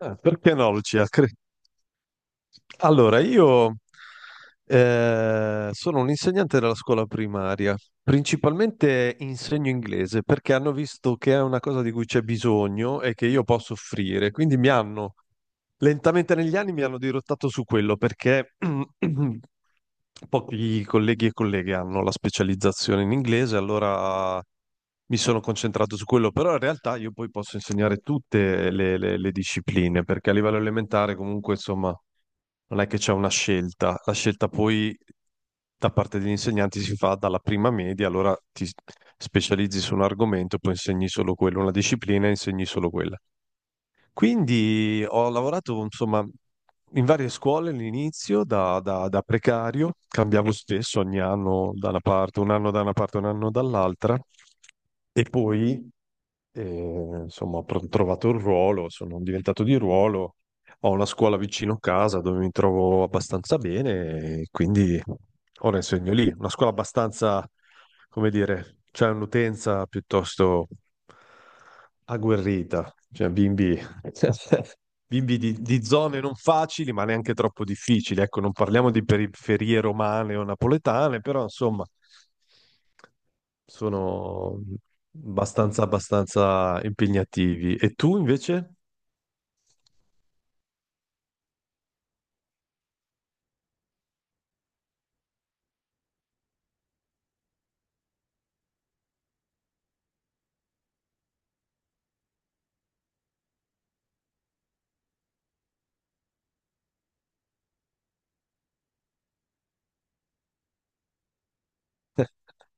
Perché no, Lucia? Allora, io sono un insegnante della scuola primaria, principalmente insegno inglese perché hanno visto che è una cosa di cui c'è bisogno e che io posso offrire, quindi mi hanno lentamente negli anni mi hanno dirottato su quello perché pochi colleghi e colleghe hanno la specializzazione in inglese, allora mi sono concentrato su quello, però in realtà io poi posso insegnare tutte le discipline, perché a livello elementare comunque insomma non è che c'è una scelta, la scelta poi da parte degli insegnanti si fa dalla prima media, allora ti specializzi su un argomento, poi insegni solo quello, una disciplina e insegni solo quella. Quindi ho lavorato, insomma, in varie scuole all'inizio, da precario, cambiavo spesso ogni anno da una parte, un anno da una parte, un anno dall'altra, e poi, insomma, ho trovato il ruolo, sono diventato di ruolo, ho una scuola vicino casa dove mi trovo abbastanza bene, e quindi ora insegno lì, una scuola abbastanza, come dire, c'è un'utenza piuttosto agguerrita, cioè bimbi di zone non facili, ma neanche troppo difficili. Ecco, non parliamo di periferie romane o napoletane, però insomma, sono abbastanza, abbastanza impegnativi. E tu invece?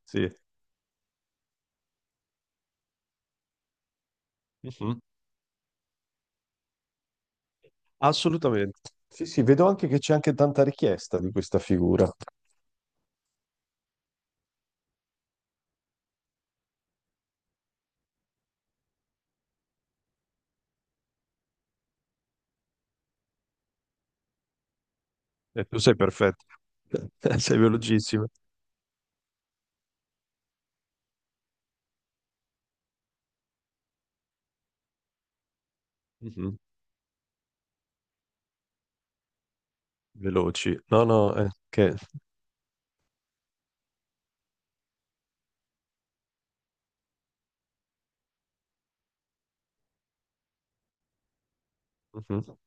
Sì. Mhm. Assolutamente. Sì, sì, vedo anche che c'è anche tanta richiesta di questa figura. E tu sei perfetto, sei velocissimo. Mhm. Veloci. No, no, che... Mhm.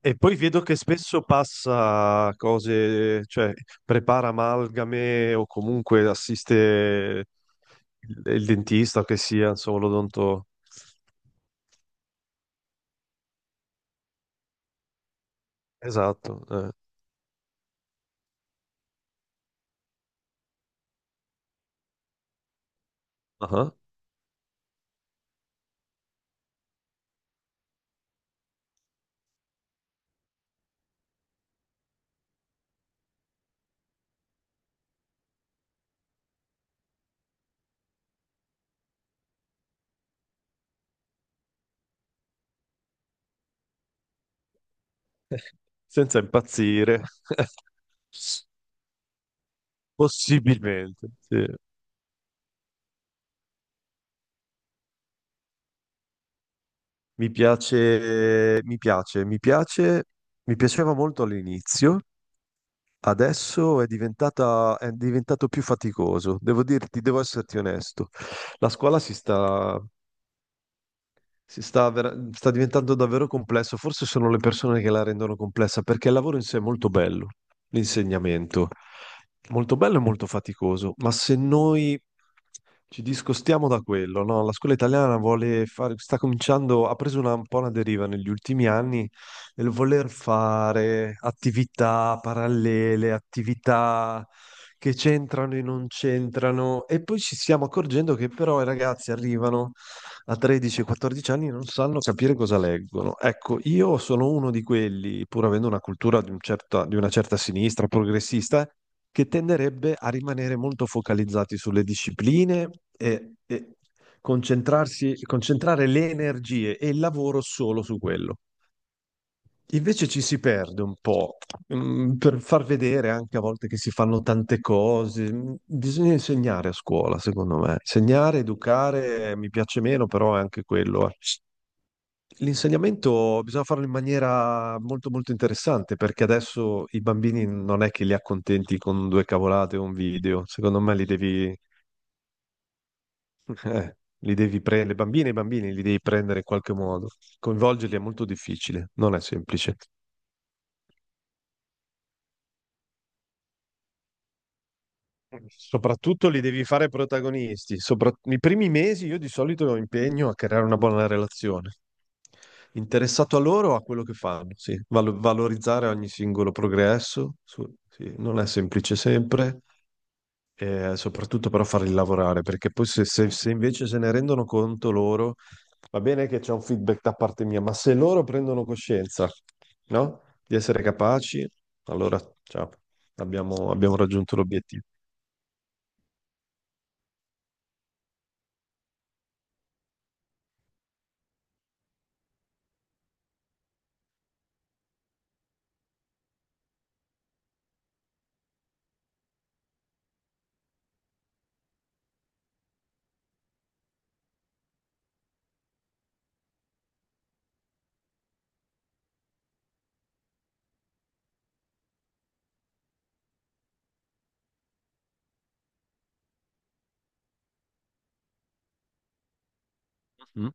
E poi vedo che spesso passa cose, cioè prepara amalgame o comunque assiste il dentista che sia, insomma, l'odonto. Esatto. Eh. Ah. Senza impazzire. Possibilmente, sì. Mi piace, mi piace, mi piace, mi piaceva molto all'inizio. Adesso è diventata, è diventato più faticoso, devo dirti, devo esserti onesto. La scuola sta diventando davvero complesso, forse sono le persone che la rendono complessa, perché il lavoro in sé è molto bello, l'insegnamento, molto bello e molto faticoso, ma se noi ci discostiamo da quello, no? La scuola italiana vuole fare, sta cominciando, ha preso un po' una deriva negli ultimi anni nel voler fare attività parallele, attività che c'entrano e non c'entrano, e poi ci stiamo accorgendo che però i ragazzi arrivano a 13-14 anni non sanno capire cosa leggono. Ecco, io sono uno di quelli, pur avendo una cultura di, di una certa sinistra progressista, che tenderebbe a rimanere molto focalizzati sulle discipline e concentrare le energie e il lavoro solo su quello. Invece ci si perde un po', per far vedere anche a volte che si fanno tante cose. Bisogna insegnare a scuola, secondo me. Insegnare, educare, mi piace meno, però è anche quello. Eh. L'insegnamento bisogna farlo in maniera molto molto interessante, perché adesso i bambini non è che li accontenti con due cavolate o un video. Secondo me li devi, eh, li devi prendere, le bambine e i bambini li devi prendere in qualche modo. Coinvolgerli è molto difficile, non è semplice. Soprattutto li devi fare protagonisti. I primi mesi io di solito impegno a creare una buona relazione. Interessato a loro, a quello che fanno, sì. Valorizzare ogni singolo progresso, sì. Non è semplice sempre, e soprattutto però farli lavorare, perché poi se invece se ne rendono conto loro, va bene che c'è un feedback da parte mia, ma se loro prendono coscienza, no? Di essere capaci, allora, ciao, abbiamo raggiunto l'obiettivo. Mm?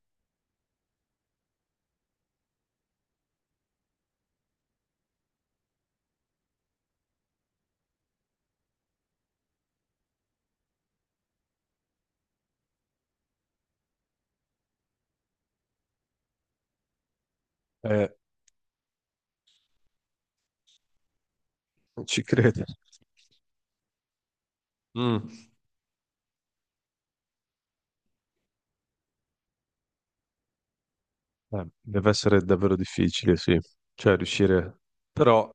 Eh, ci credo. Mm. Deve essere davvero difficile, sì. Cioè, riuscire... Però,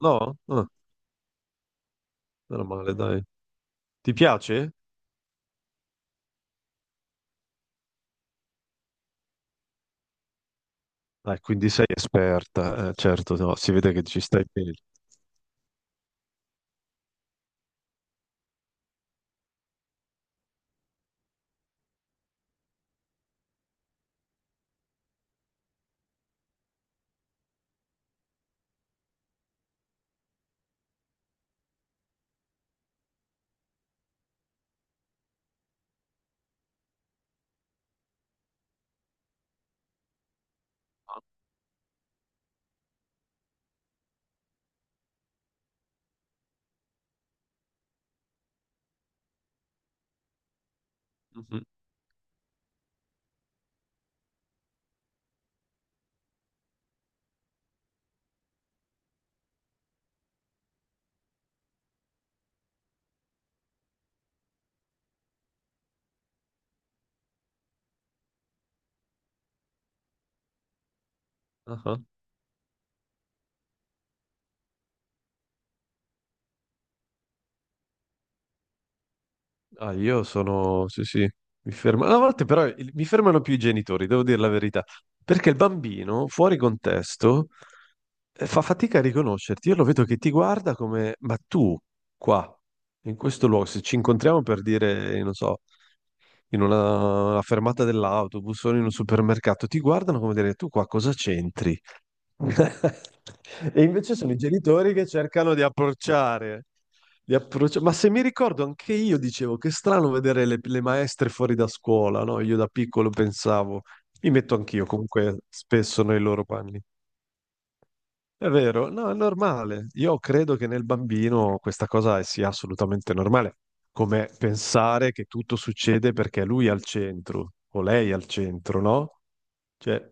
no? Ah, meno male, dai. Ti piace? Dai, quindi sei esperta. Certo, no, si vede che ci stai bene. Mhm. Ah ah. Ah, io sono... Sì, sì, mi fermo. A volte però mi fermano più i genitori, devo dire la verità, perché il bambino, fuori contesto, fa fatica a riconoscerti. Io lo vedo che ti guarda come, ma tu, qua, in questo luogo, se ci incontriamo per dire, non so, in una fermata dell'autobus o in un supermercato, ti guardano come dire, tu qua cosa c'entri? E invece sono i genitori che cercano di approcciare, ma se mi ricordo, anche io dicevo che è strano vedere le maestre fuori da scuola, no? Io da piccolo pensavo, mi metto anch'io comunque spesso nei loro panni. È vero, no, è normale. Io credo che nel bambino questa cosa sia assolutamente normale, come pensare che tutto succede perché lui è al centro o lei è al centro, no? Cioè,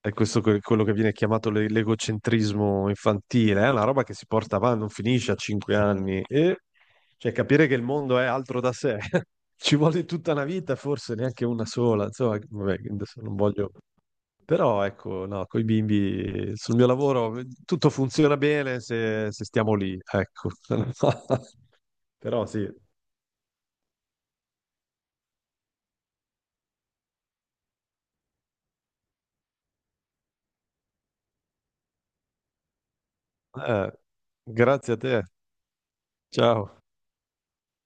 è questo quello che viene chiamato l'egocentrismo infantile, è una roba che si porta avanti, non finisce a 5 anni. E cioè, capire che il mondo è altro da sé ci vuole tutta una vita, forse neanche una sola. Insomma, vabbè, adesso non voglio. Però ecco, no, con i bimbi sul mio lavoro tutto funziona bene se stiamo lì, ecco. Però sì, Eh, grazie a te. Ciao.